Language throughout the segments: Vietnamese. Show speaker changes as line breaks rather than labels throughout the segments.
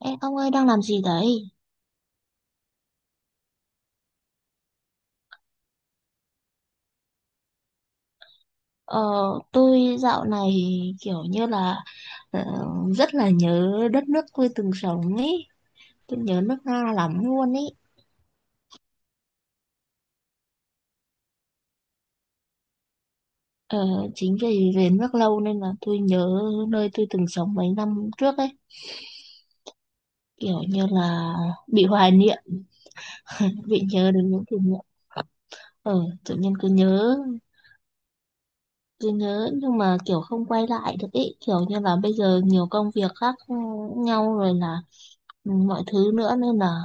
Ê, ông ơi đang làm gì đấy? Ờ, tôi dạo này kiểu như là ờ, rất là nhớ đất nước tôi từng sống ấy. Tôi nhớ nước Nga lắm luôn ấy. Ờ, Chính vì về nước lâu nên là tôi nhớ nơi tôi từng sống mấy năm trước ấy. Kiểu như là bị hoài niệm, bị nhớ đến những kỷ niệm. Ờ, Tự nhiên cứ nhớ nhưng mà kiểu không quay lại được ấy. Kiểu như là bây giờ nhiều công việc khác nhau rồi là mọi thứ nữa nên là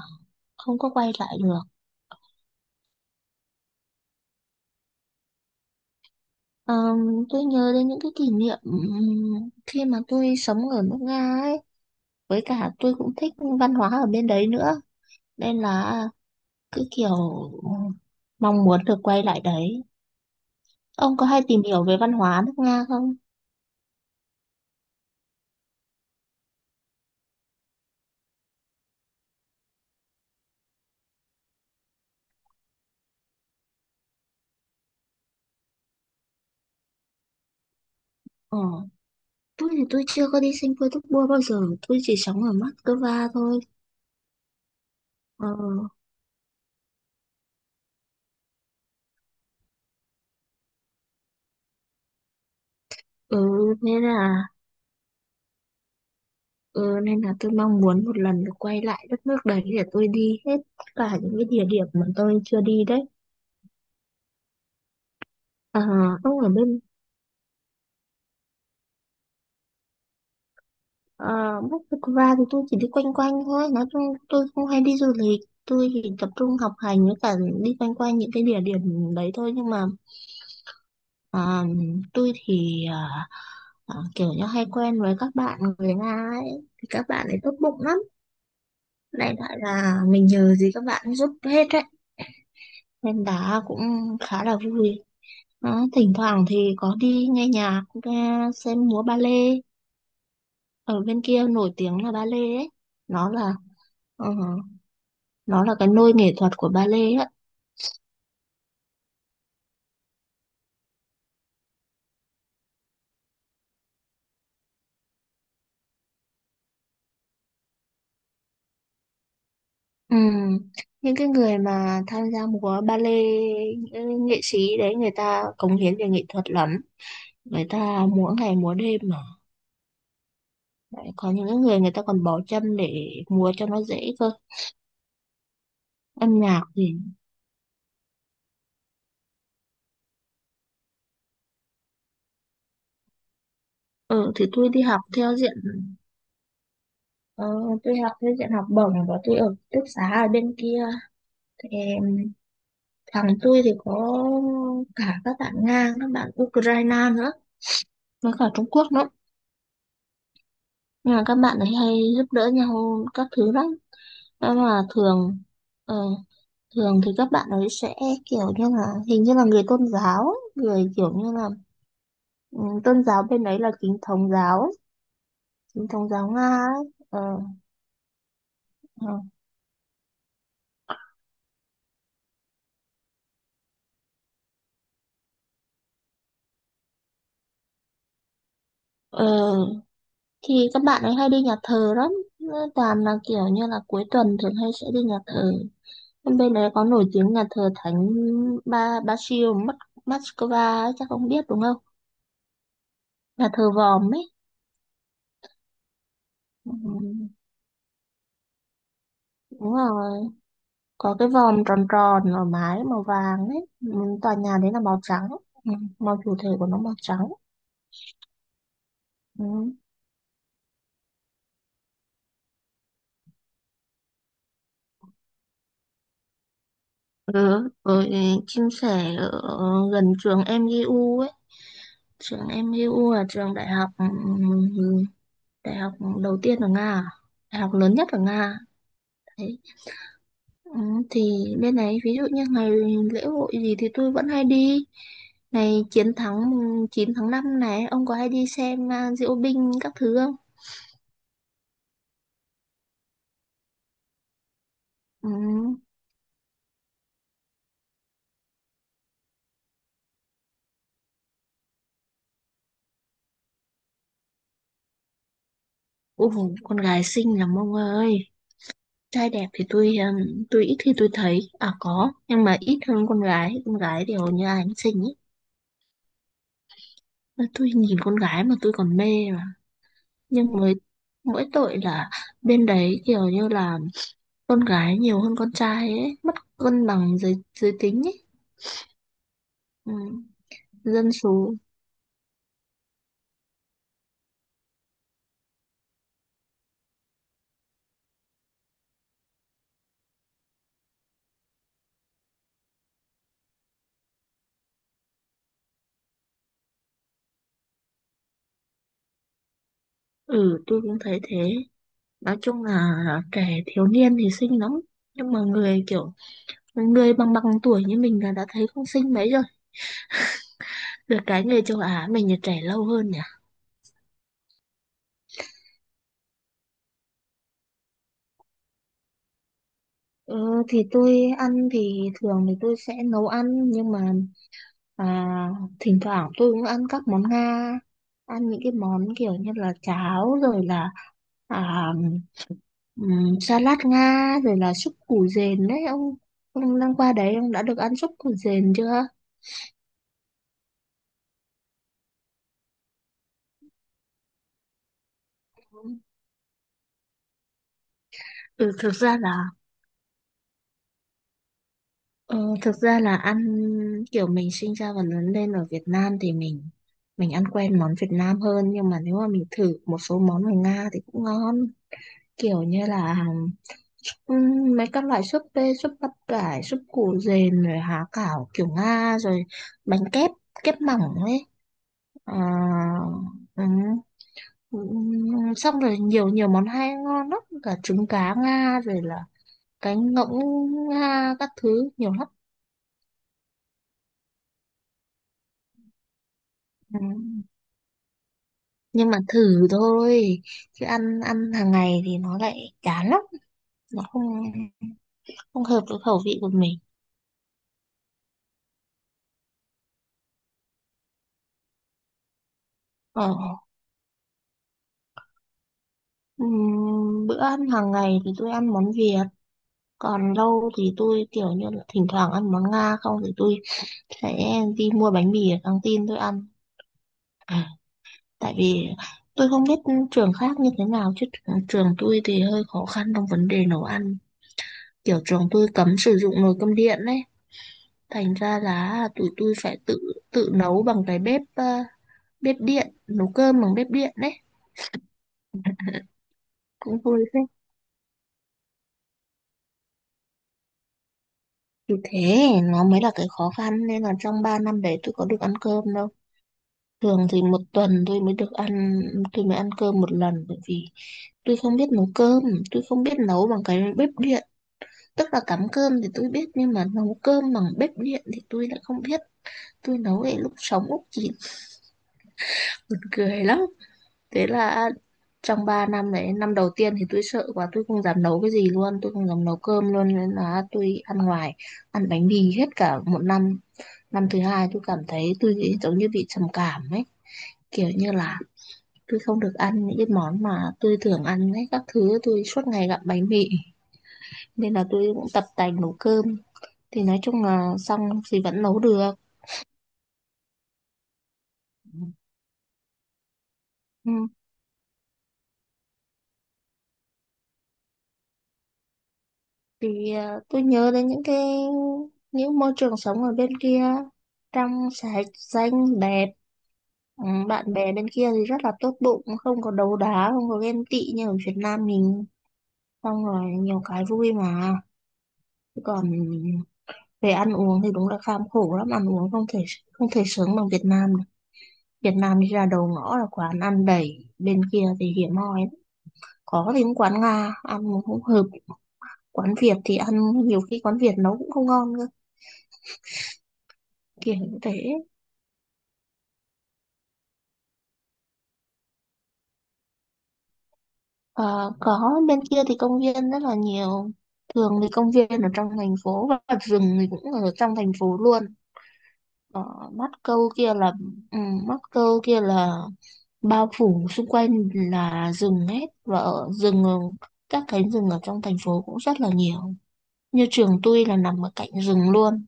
không có quay lại được. Ờ, tôi nhớ đến những cái kỷ niệm khi mà tôi sống ở nước Nga ấy, với cả tôi cũng thích văn hóa ở bên đấy nữa, nên là cứ kiểu mong muốn được quay lại đấy. Ông có hay tìm hiểu về văn hóa nước Nga không? Ờ, tôi thì tôi chưa có đi sang Petersburg bao giờ, tôi chỉ sống ở Moscow thôi. Ờ, ừ, nên là ừ, nên là tôi mong muốn một lần được quay lại đất nước đấy để tôi đi hết tất cả những cái địa điểm mà tôi chưa đi đấy. À, ông ở bên uh, Moscow thì tôi chỉ đi quanh quanh thôi. Nói chung tôi không hay đi du lịch, tôi chỉ tập trung học hành với cả đi quanh quanh những cái địa điểm đấy thôi. Nhưng mà à, tôi thì kiểu như hay quen với các bạn người Nga ấy, thì các bạn ấy tốt bụng lắm, đại loại là mình nhờ gì các bạn giúp hết đấy, nên đã cũng khá là vui. Đó, thỉnh thoảng thì có đi nghe nhạc, nghe xem múa ba lê, ở bên kia nổi tiếng là ba lê ấy, nó là Ờ, cái nôi nghệ thuật của ballet lê á. Ừ. Những cái người mà tham gia múa ballet, những nghệ sĩ đấy, người ta cống hiến về nghệ thuật lắm. Người ta múa ngày múa đêm mà. Đấy, có những cái người, người ta còn bỏ chân để múa cho nó dễ cơ. Âm nhạc thì... Ừ, thì tôi đi học theo diện... Ờ, tôi học theo diện học bổng và tôi ở ký túc xá ở bên kia. Thì thằng tôi thì có cả các bạn Nga, các bạn Ukraine nữa. Với cả Trung Quốc nữa. Nhưng mà các bạn ấy hay giúp đỡ nhau các thứ lắm. Nhưng mà ờ, thường thì các bạn ấy sẽ kiểu như là hình như là người tôn giáo, ấy, người kiểu như là ừ, tôn giáo bên đấy là chính thống giáo, ấy, chính thống giáo Nga ấy. Ờ, ờ, ờ, thì các bạn ấy hay đi nhà thờ lắm. Nó toàn là kiểu như là cuối tuần thường hay sẽ đi nhà thờ. Bên bên đấy có nổi tiếng nhà thờ Thánh Ba Basil Moscow ấy, chắc không biết đúng không? Nhà thờ Vòm ấy. Ừ, đúng rồi, có cái vòm tròn tròn ở mái màu vàng ấy, tòa nhà đấy là màu trắng, ừ, màu chủ thể của nó màu trắng ừ. Ừ, rồi chia sẻ ở gần trường MGU ấy. Trường MGU là trường đại học, ừ, đại học đầu tiên ở Nga à? Đại học lớn nhất ở Nga à? Đấy. ừ, thì bên này ví dụ như ngày lễ hội gì thì tôi vẫn hay đi ngày chiến thắng 9 tháng 5 này. Ông có hay đi xem diễu binh các thứ không ừ. Ồ, con gái xinh lắm ông ơi. Trai đẹp thì tôi ít khi tôi thấy. À có, nhưng mà ít hơn con gái. Con gái thì hầu như ai cũng xinh ấy. Mà tôi nhìn con gái mà tôi còn mê mà. Nhưng mới mỗi tội là bên đấy kiểu như là con gái nhiều hơn con trai ấy. Mất cân bằng giới tính ấy. Ừ, dân số. Ừ, tôi cũng thấy thế. Nói chung là trẻ thiếu niên thì xinh lắm. Nhưng mà người kiểu, người bằng bằng tuổi như mình là đã thấy không xinh mấy rồi, được cái người châu Á mình là trẻ lâu hơn nhỉ. Ờ, thì tôi ăn thì thường thì tôi sẽ nấu ăn nhưng mà à, thỉnh thoảng tôi cũng ăn các món Nga, ăn những cái món kiểu như là cháo, rồi là à, salad Nga, rồi là súp củ dền đấy. Ông đang qua đấy ông đã được ăn súp củ dền chưa? Ừ, thực ra là. Ờ, Thực ra là ăn kiểu mình sinh ra và lớn lên ở Việt Nam thì mình ăn quen món Việt Nam hơn, nhưng mà nếu mà mình thử một số món ở Nga thì cũng ngon, kiểu như là mấy các loại súp bê, súp bắp cải, súp củ dền, rồi há cảo kiểu Nga, rồi bánh kép kép mỏng ấy. Ờ, ừm, Xong rồi nhiều nhiều món hay ngon lắm, cả trứng cá Nga, rồi là cánh ngỗng Nga các thứ nhiều lắm. Ừ. Nhưng mà thử thôi, chứ ăn ăn hàng ngày thì nó lại chán lắm, nó không không hợp với khẩu vị của mình. ờ Bữa ăn hàng ngày thì tôi ăn món Việt, còn lâu thì tôi kiểu như là thỉnh thoảng ăn món Nga, không thì tôi sẽ đi mua bánh mì ở căng tin tôi ăn. À, tại vì tôi không biết trường khác như thế nào, chứ trường trường tôi thì hơi khó khăn trong vấn đề nấu ăn, kiểu trường tôi cấm sử dụng nồi cơm điện đấy, thành ra là tụi tôi phải tự tự nấu bằng cái bếp điện, nấu cơm bằng bếp điện đấy, cũng vui phết. Thì thế nó mới là cái khó khăn, nên là trong 3 năm đấy tôi có được ăn cơm đâu, thường thì một tuần tôi mới được ăn, tôi mới ăn cơm một lần, bởi vì tôi không biết nấu cơm, tôi không biết nấu bằng cái bếp điện, tức là cắm cơm thì tôi biết nhưng mà nấu cơm bằng bếp điện thì tôi lại không biết. Tôi nấu để lúc sống Úc chỉ buồn cười lắm. Thế là trong 3 năm đấy, năm đầu tiên thì tôi sợ quá, tôi không dám nấu cái gì luôn, tôi không dám nấu cơm luôn, nên là tôi ăn ngoài, ăn bánh mì hết cả một năm. Năm thứ hai tôi cảm thấy tôi giống như bị trầm cảm ấy, kiểu như là tôi không được ăn những cái món mà tôi thường ăn ấy, các thứ tôi suốt ngày gặm bánh mì, nên là tôi cũng tập tành nấu cơm. Thì nói chung là xong thì vẫn nấu được. Ừ. Thì tôi nhớ đến những cái, những môi trường sống ở bên kia trong sạch xanh đẹp, bạn bè bên kia thì rất là tốt bụng, không có đấu đá, không có ghen tị như ở Việt Nam mình, xong rồi nhiều cái vui mà. Chứ còn về ăn uống thì đúng là kham khổ lắm, ăn uống không thể sướng bằng Việt Nam được. Việt Nam đi ra đầu ngõ là quán ăn đầy, bên kia thì hiếm hoi lắm. Có thì cũng quán Nga ăn cũng hợp, quán Việt thì ăn, nhiều khi quán Việt nấu cũng không ngon cơ, kiểu như thế. Ờ, có, bên kia thì công viên rất là nhiều, thường thì công viên ở trong thành phố và rừng thì cũng ở trong thành phố luôn. Ở Mắc Câu kia là ừ, Mắc Câu kia là bao phủ xung quanh là rừng hết, và ở rừng, các cánh rừng ở trong thành phố cũng rất là nhiều, như trường tôi là nằm ở cạnh rừng luôn.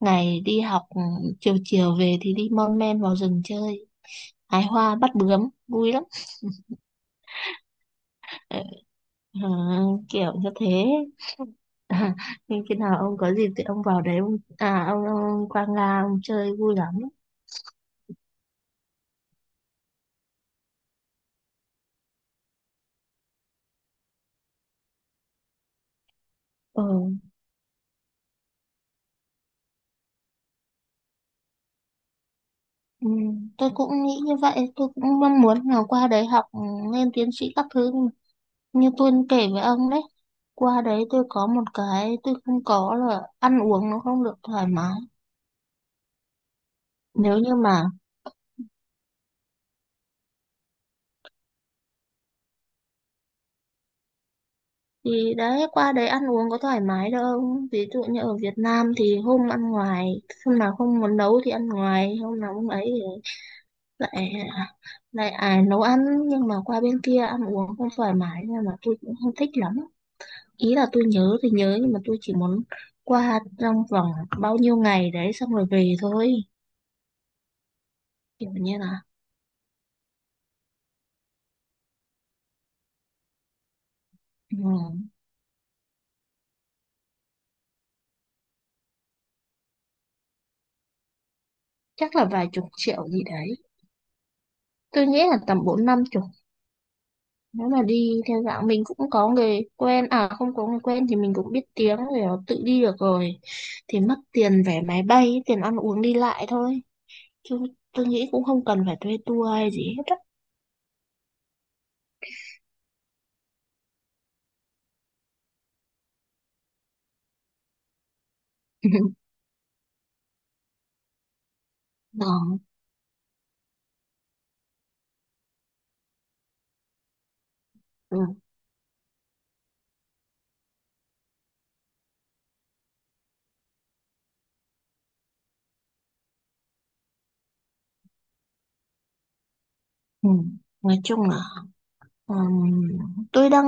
Ngày đi học, chiều chiều về thì đi mon men vào rừng chơi, hái hoa bắt bướm vui lắm. Ờ, ờ, Kiểu như thế. À, nhưng khi nào ông có dịp thì ông vào đấy, ông Quang Nga ông chơi vui lắm. Ừ, ừ, tôi cũng nghĩ như vậy, tôi cũng mong muốn là qua đấy học, lên tiến sĩ các thứ như tôi kể với ông đấy. Qua đấy tôi có một cái tôi không có là ăn uống nó không được thoải mái. Nếu như mà thì đấy qua đấy ăn uống có thoải mái đâu. Ví dụ như ở Việt Nam thì hôm ăn ngoài, hôm nào không muốn nấu thì ăn ngoài, hôm nào không ấy lại lại à, nấu ăn, nhưng mà qua bên kia ăn uống không thoải mái nên là tôi cũng không thích lắm. Ý là tôi nhớ thì nhớ nhưng mà tôi chỉ muốn qua trong vòng bao nhiêu ngày đấy xong rồi về thôi, kiểu như là ừ, chắc là vài chục triệu gì đấy. Tôi nghĩ là tầm bốn năm chục, nếu mà đi theo dạng mình cũng có người quen, à không có người quen thì mình cũng biết tiếng rồi, tự đi được rồi, thì mất tiền vé máy bay, tiền ăn uống đi lại thôi, chứ tôi nghĩ cũng không cần phải thuê tour hay gì hết á. Ờ, ừ, ừ. Nói chung là ừm, tôi đang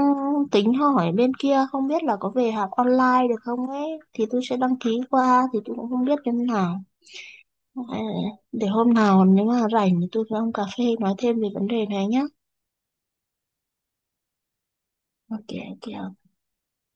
tính hỏi bên kia không biết là có về học online được không ấy, thì tôi sẽ đăng ký, qua thì tôi cũng không biết như thế nào. Ờ, để hôm nào nếu mà rảnh thì tôi với ông cà phê nói thêm về vấn đề này nhá. OK, OK.